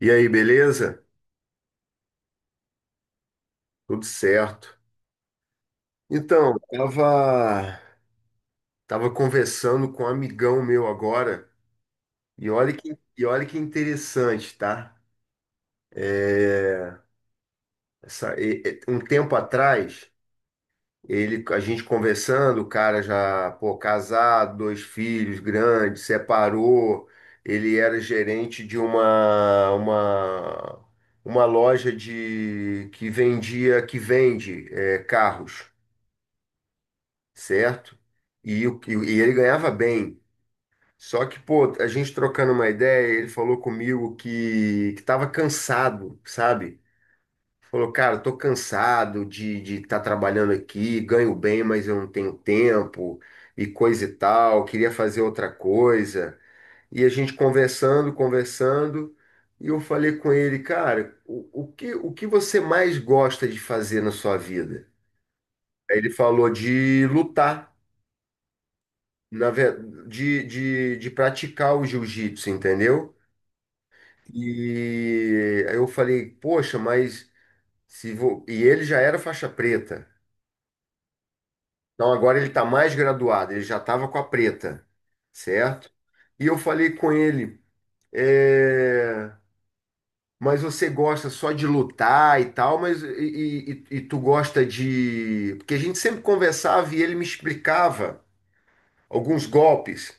E aí, beleza? Tudo certo. Então, tava conversando com um amigão meu agora, e e olha que interessante, tá? É, um tempo atrás, ele, a gente conversando, o cara já, pô, casado, dois filhos grandes, separou, ele era gerente de uma, uma loja de, que vende, é, carros. Certo? E, e ele ganhava bem. Só que, pô, a gente trocando uma ideia, ele falou comigo que estava cansado, sabe? Falou, cara, tô cansado de estar trabalhando aqui, ganho bem, mas eu não tenho tempo e coisa e tal, queria fazer outra coisa. E a gente conversando, e eu falei com ele, cara, o que você mais gosta de fazer na sua vida? Aí ele falou de lutar. na ve- de praticar o jiu-jitsu, entendeu? E aí eu falei, poxa, mas se vou... E ele já era faixa preta. Então agora ele está mais graduado, ele já estava com a preta, certo? E eu falei com ele, é, mas você gosta só de lutar e tal, mas e tu gosta de. Porque a gente sempre conversava e ele me explicava alguns golpes.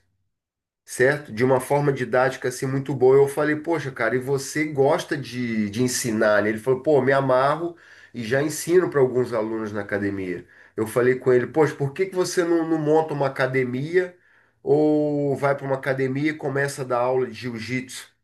Certo? De uma forma didática assim muito boa. Eu falei, poxa, cara, e você gosta de ensinar, né? Ele falou, pô, me amarro e já ensino para alguns alunos na academia. Eu falei com ele, poxa, por que você não monta uma academia ou vai para uma academia e começa a dar aula de jiu-jitsu?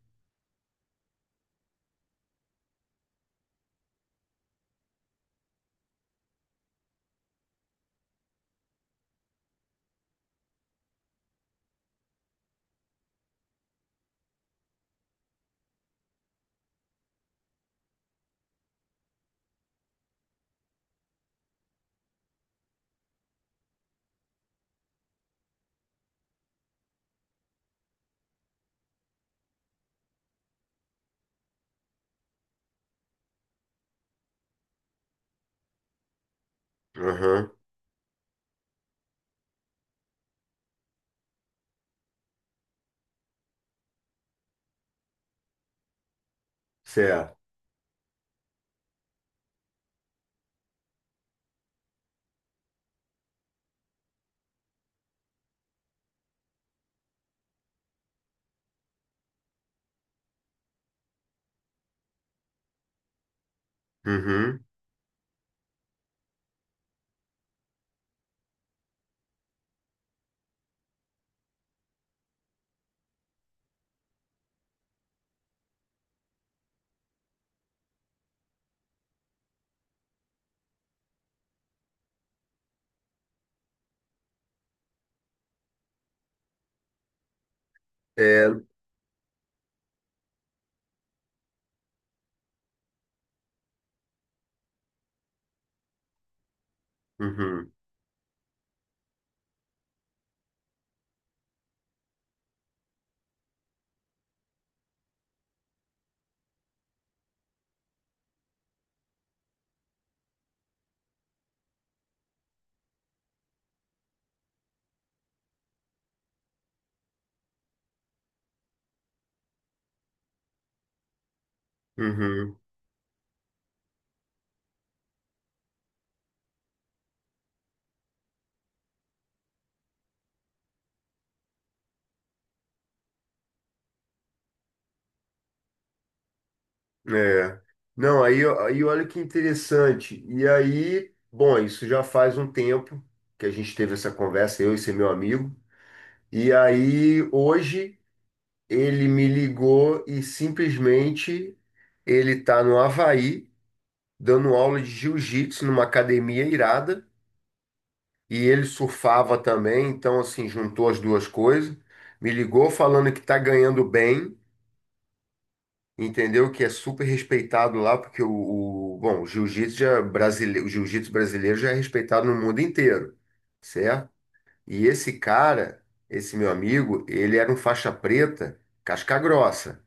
Aham, certo. Uhum, é, uhum, uhum. É. Não, aí olha que interessante. E aí, bom, isso já faz um tempo que a gente teve essa conversa, eu e esse meu amigo. E aí, hoje, ele me ligou e simplesmente ele tá no Havaí, dando aula de jiu-jitsu numa academia irada. E ele surfava também, então, assim, juntou as duas coisas. Me ligou falando que tá ganhando bem. Entendeu? Que é super respeitado lá, porque bom, o jiu-jitsu brasileiro já é respeitado no mundo inteiro, certo? E esse cara, esse meu amigo, ele era um faixa preta, casca grossa,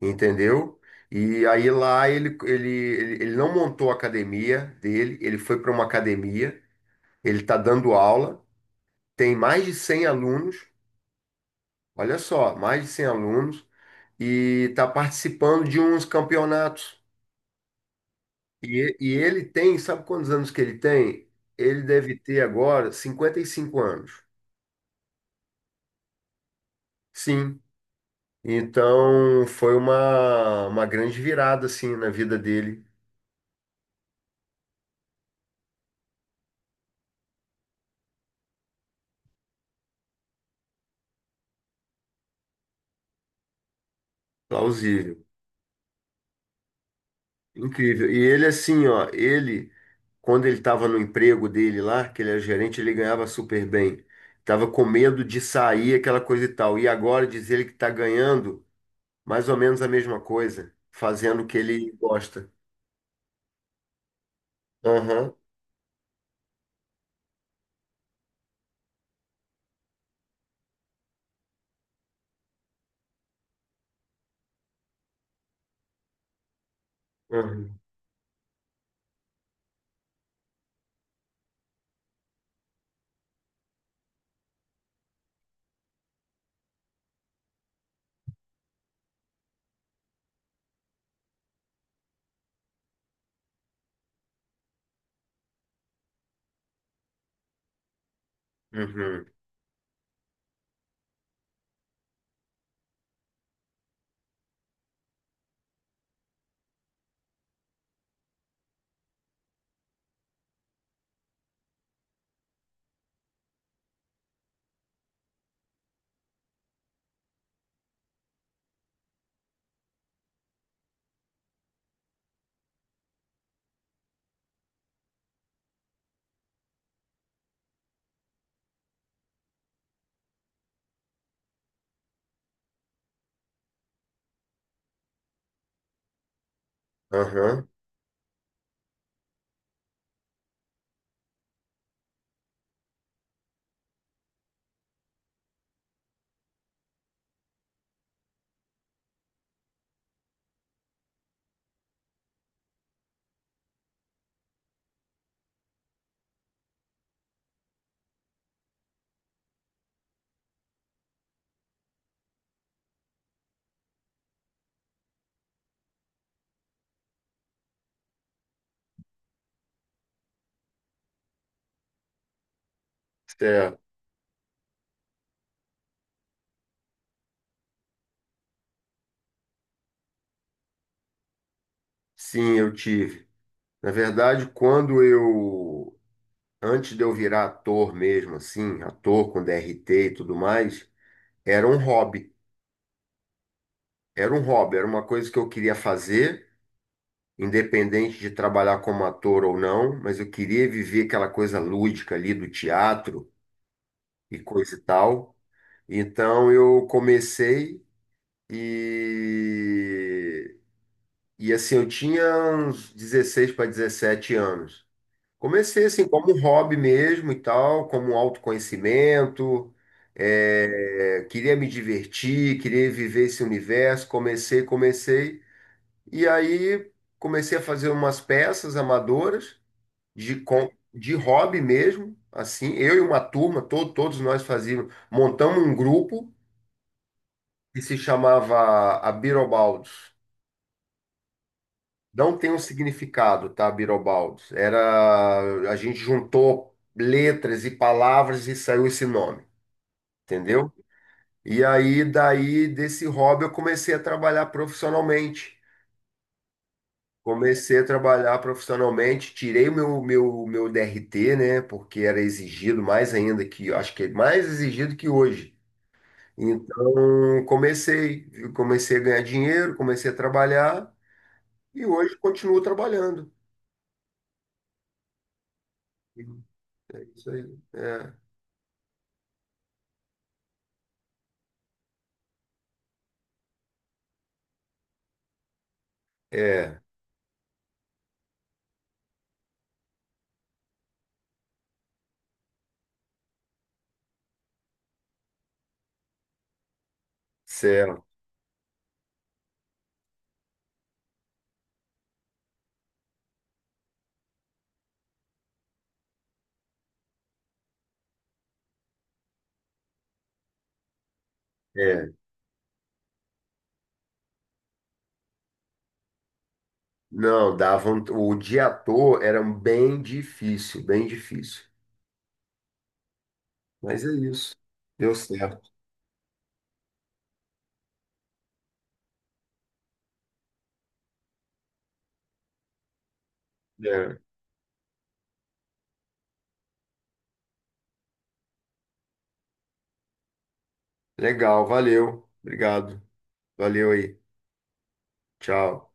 entendeu? E aí lá ele não montou a academia dele, ele foi para uma academia, ele está dando aula, tem mais de 100 alunos, olha só, mais de 100 alunos, e está participando de uns campeonatos. E ele tem, sabe quantos anos que ele tem? Ele deve ter agora 55 anos. Sim. Então foi uma grande virada assim na vida dele, plausível. Incrível. E ele assim, ó, ele quando ele estava no emprego dele lá, que ele era gerente, ele ganhava super bem. Tava com medo de sair aquela coisa e tal. E agora diz ele que está ganhando mais ou menos a mesma coisa, fazendo o que ele gosta. Aham. Uhum. Uhum. Uhum. Certo. Sim, eu tive. Na verdade, antes de eu virar ator mesmo, assim, ator com DRT e tudo mais, era um hobby. Era um hobby, era uma coisa que eu queria fazer, independente de trabalhar como ator ou não, mas eu queria viver aquela coisa lúdica ali do teatro e coisa e tal. Então eu comecei e, e assim, eu tinha uns 16 para 17 anos. Comecei assim, como um hobby mesmo e tal, como um autoconhecimento. É, queria me divertir, queria viver esse universo. Comecei. E aí comecei a fazer umas peças amadoras de hobby mesmo. Assim, eu e uma turma, todos nós fazíamos, montamos um grupo que se chamava Abirobaldos. Não tem um significado, tá, Birobaldo? Era, a gente juntou letras e palavras e saiu esse nome, entendeu? E aí, daí, desse hobby, eu comecei a trabalhar profissionalmente. Comecei a trabalhar profissionalmente, tirei meu DRT, né? Porque era exigido mais ainda que, acho que é mais exigido que hoje. Então, comecei a ganhar dinheiro, comecei a trabalhar e hoje continuo trabalhando. É isso aí. É. É, céu, é. Não, davam. O de ator era bem difícil, bem difícil. Mas é isso. Deu certo. É. Legal, valeu. Obrigado. Valeu aí. Tchau.